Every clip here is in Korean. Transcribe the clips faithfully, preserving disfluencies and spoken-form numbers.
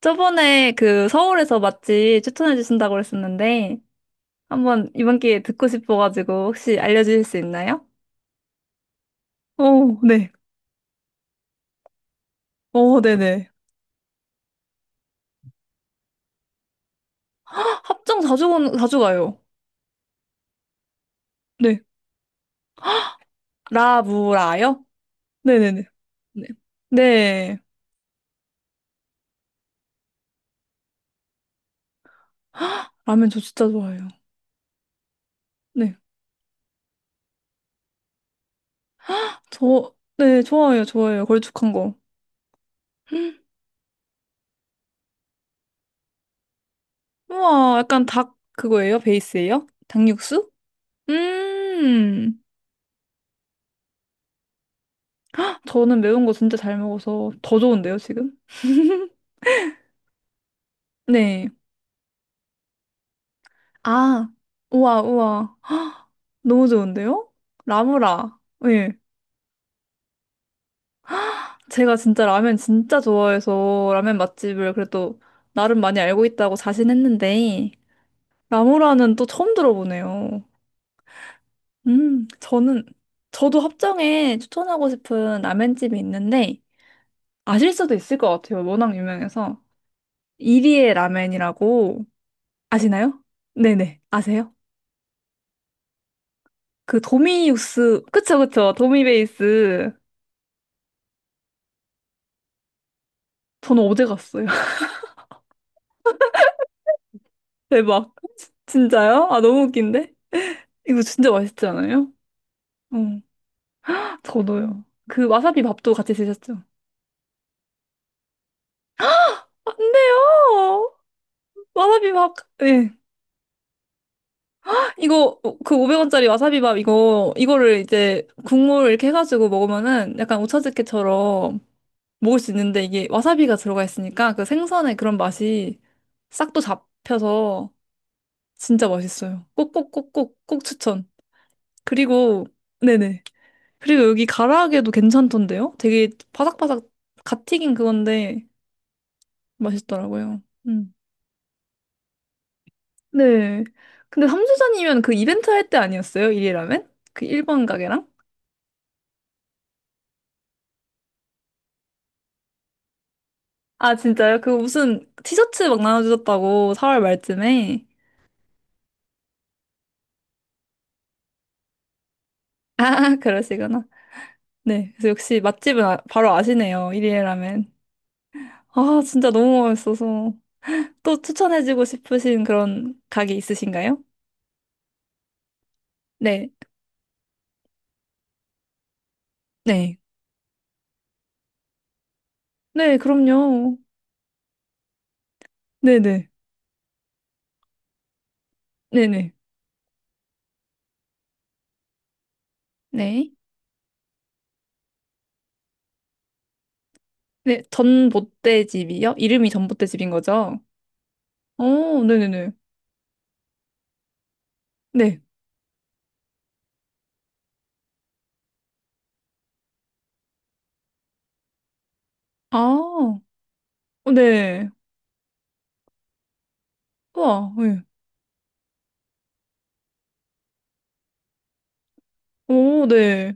저번에 그 서울에서 맛집 추천해 주신다고 그랬었는데, 한번 이번 기회에 듣고 싶어가지고 혹시 알려주실 수 있나요? 오 네. 오 네네. 합정 자주, 건- 자주 가요. 네. 라무라요? 네네네. 네. 네. 라면 저 진짜 좋아해요. 네. 저, 네, 좋아요 좋아요 걸쭉한 거. 헉, 우와, 약간 닭 그거예요? 베이스예요? 닭육수? 음, 저는 매운 거 진짜 잘 먹어서 더 좋은데요, 지금? 네. 아, 우와, 우와. 헉, 너무 좋은데요? 라무라. 예. 제가 진짜 라면 진짜 좋아해서 라면 맛집을 그래도 나름 많이 알고 있다고 자신했는데, 라무라는 또 처음 들어보네요. 음, 저는, 저도 합정에 추천하고 싶은 라면집이 있는데, 아실 수도 있을 것 같아요. 워낙 유명해서. 이리의 라면이라고 아시나요? 네네. 아세요? 그 도미 육수, 그쵸, 그쵸. 도미 베이스. 저는 어제 갔어요. 대박. 진짜요? 아, 너무 웃긴데? 이거 진짜 맛있지 않아요? 응. 저도요. 그 와사비 밥도 같이 드셨죠? 안 돼요! 와사비 밥, 예. 이거, 어, 그 오백 원짜리 와사비 밥, 이거, 이거를 이제 국물 이렇게 해가지고 먹으면은 약간 오차즈케처럼 먹을 수 있는데 이게 와사비가 들어가 있으니까 그 생선의 그런 맛이 싹 또 잡혀서 진짜 맛있어요. 꼭, 꼭, 꼭, 꼭, 꼭 추천. 그리고, 네네. 그리고 여기 가라아게도 괜찮던데요? 되게 바삭바삭 갓 튀긴 그건데 맛있더라고요. 음. 네. 근데 삼주전이면 그 이벤트 할 때 아니었어요? 일이라면? 그 일본 가게랑? 아, 진짜요? 그 무슨 티셔츠 막 나눠주셨다고 사월 말쯤에. 아, 그러시구나. 네. 그래서 역시 맛집은 아- 바로 아시네요. 일이라면. 아, 진짜 너무 맛있어서. 또 추천해주고 싶으신 그런 가게 있으신가요? 네. 네. 네, 그럼요. 네네. 네네. 네. 네, 전봇대집이요? 이름이 전봇대집인 거죠? 어, 네네네. 네. 아, 어, 네. 우와, 네. 오, 네.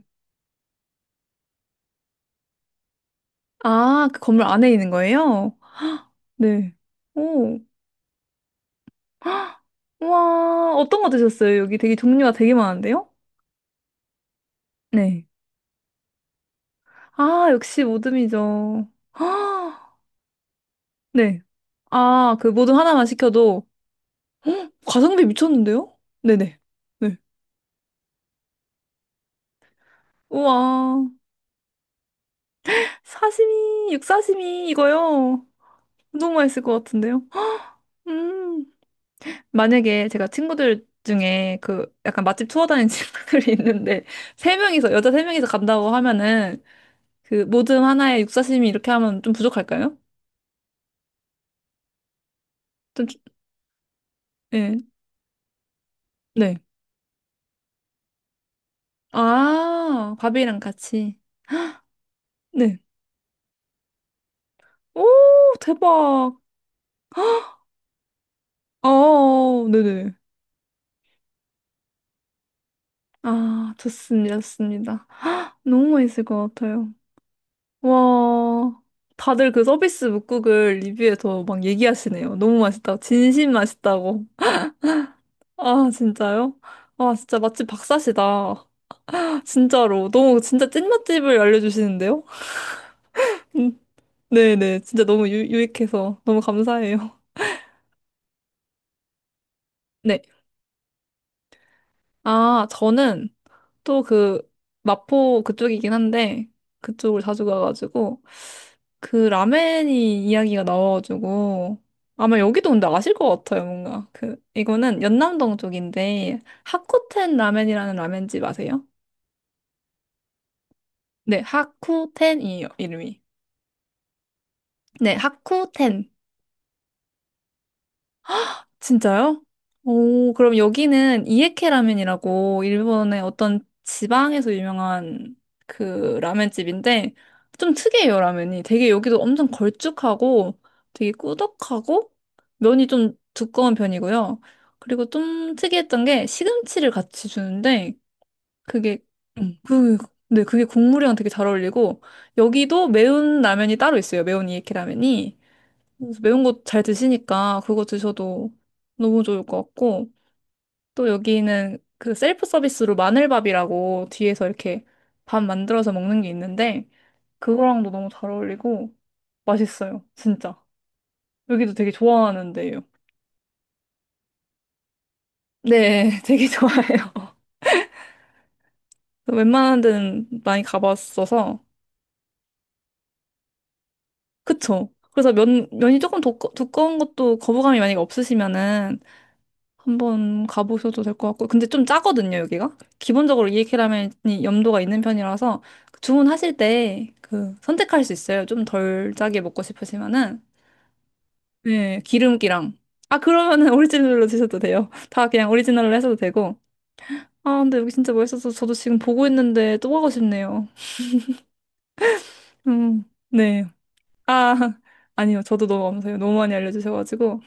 아, 그 건물 안에 있는 거예요? 헉, 네. 오. 헉, 우와, 어떤 거 드셨어요? 여기 되게 종류가 되게 많은데요? 네. 아, 역시 모듬이죠. 헉, 네. 아, 그 모듬 하나만 시켜도, 헉, 가성비 미쳤는데요? 네네. 네. 우와. 사시미, 육사시미 이거요. 너무 맛있을 것 같은데요. 음. 만약에 제가 친구들 중에 그 약간 맛집 투어 다니는 친구들이 있는데 세 명이서 여자 세 명이서 간다고 하면은 그 모듬 하나에 육사시미 이렇게 하면 좀 부족할까요? 좀 주- 예. 네. 아, 밥이랑 같이. 네. 오, 대박. 어, 어, 어, 어, 네네. 아, 좋습니다. 좋습니다. 너무 맛있을 것 같아요. 와, 다들 그 서비스 묵국을 리뷰에서 막 얘기하시네요. 너무 맛있다고. 진심 맛있다고. 아, 진짜요? 아, 진짜 맛집 박사시다. 진짜로. 너무 진짜 찐 맛집을 알려주시는데요? 음, 네네. 진짜 너무 유, 유익해서 너무 감사해요. 네. 아, 저는 또 그 마포 그쪽이긴 한데 그쪽을 자주 가가지고 그 라멘이 이야기가 나와가지고 아마 여기도 근데 아실 것 같아요 뭔가 그 이거는 연남동 쪽인데 하쿠텐 라멘이라는 라멘집 아세요? 네 하쿠텐이에요 이름이 네 하쿠텐 진짜요? 오, 그럼 여기는 이에케 라면이라고 일본의 어떤 지방에서 유명한 그 라면집인데 좀 특이해요, 라면이. 되게 여기도 엄청 걸쭉하고 되게 꾸덕하고 면이 좀 두꺼운 편이고요. 그리고 좀 특이했던 게 시금치를 같이 주는데 그게 음, 그 네, 그게 국물이랑 되게 잘 어울리고 여기도 매운 라면이 따로 있어요. 매운 이에케 라면이. 그래서 매운 거 잘 드시니까 그거 드셔도 너무 좋을 것 같고, 또 여기는 그 셀프 서비스로 마늘밥이라고 뒤에서 이렇게 밥 만들어서 먹는 게 있는데, 그거랑도 너무 잘 어울리고, 맛있어요. 진짜. 여기도 되게 좋아하는데요. 네, 되게 좋아해요. 웬만한 데는 많이 가봤어서, 그쵸? 그래서 면, 면이 조금 두꺼, 두꺼운 것도 거부감이 만약에 없으시면은, 한번 가보셔도 될 것 같고. 근데 좀 짜거든요, 여기가. 기본적으로 이케 라면이 염도가 있는 편이라서 주문하실 때 그 선택할 수 있어요. 좀 덜 짜게 먹고 싶으시면은. 네, 기름기랑. 아, 그러면은 오리지널로 드셔도 돼요. 다 그냥 오리지널로 하셔도 되고. 아, 근데 여기 진짜 맛있어서 저도 지금 보고 있는데 또 가고 싶네요. 음, 네. 아, 아니요. 저도 너무 감사해요. 너무 많이 알려주셔가지고.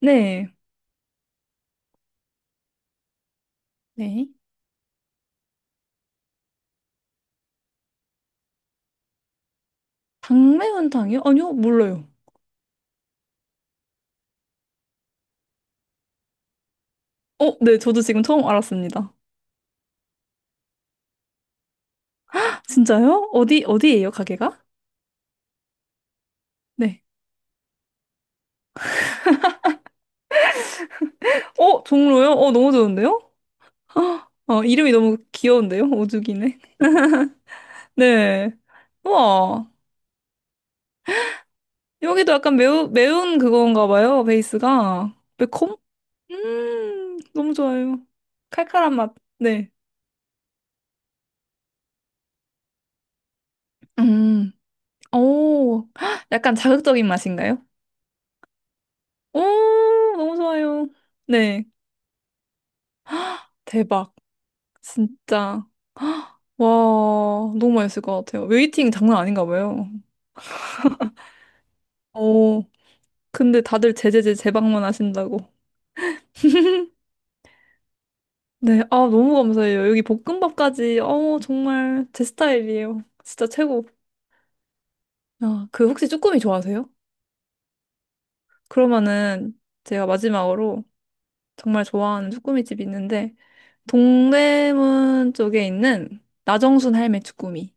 네. 네. 당매운탕이요? 아니요, 몰라요. 어, 네, 저도 지금 처음 알았습니다. 진짜요? 어디, 어디예요, 가게가? 네. 어, 종로요? 어, 너무 좋은데요? 헉, 어, 이름이 너무 귀여운데요? 오죽이네. 네. 우와. 여기도 약간 매우, 매운 그건가 봐요, 베이스가. 매콤? 음, 너무 좋아요. 칼칼한 맛. 네. 음, 오, 헉, 약간 자극적인 맛인가요? 오, 너무 좋아요. 네. 대박. 진짜. 와, 너무 맛있을 것 같아요. 웨이팅 장난 아닌가 봐요. 오. 근데 다들 제제제 재방문 하신다고. 네, 아, 너무 감사해요. 여기 볶음밥까지, 어, 정말 제 스타일이에요. 진짜 최고. 아, 그 혹시 쭈꾸미 좋아하세요? 그러면은 제가 마지막으로 정말 좋아하는 쭈꾸미집이 있는데, 동대문 쪽에 있는 나정순 할매 쭈꾸미.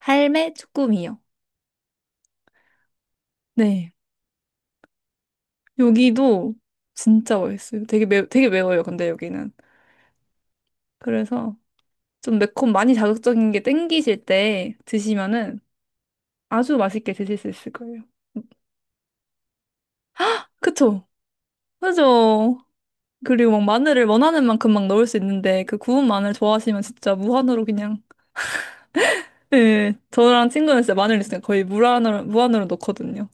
할매 쭈꾸미요. 네. 여기도 진짜 맛있어요. 되게 매, 되게 매워요, 근데 여기는. 그래서 좀 매콤, 많이 자극적인 게 땡기실 때 드시면은 아주 맛있게 드실 수 있을 거예요. 그쵸? 그죠? 그리고 막 마늘을 원하는 만큼 막 넣을 수 있는데 그 구운 마늘 좋아하시면 진짜 무한으로 그냥 예 저랑 친구는 진짜 마늘 있으니까 거의 무한으로 무한으로 넣거든요.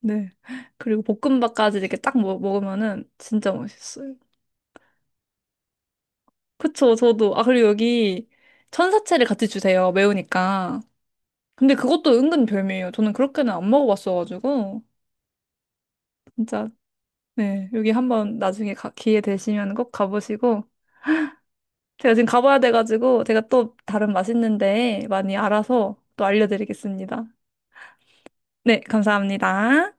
네. 그리고 볶음밥까지 이렇게 딱 먹, 먹으면은 진짜 맛있어요. 그쵸? 저도 아 그리고 여기 천사채를 같이 주세요. 매우니까. 근데 그것도 은근 별미예요. 저는 그렇게는 안 먹어봤어가지고 진짜 네 여기 한번 나중에 가- 기회 되시면 꼭 가보시고. 제가 지금 가봐야 돼가지고 제가 또 다른 맛있는 데 많이 알아서 또 알려드리겠습니다. 네, 감사합니다.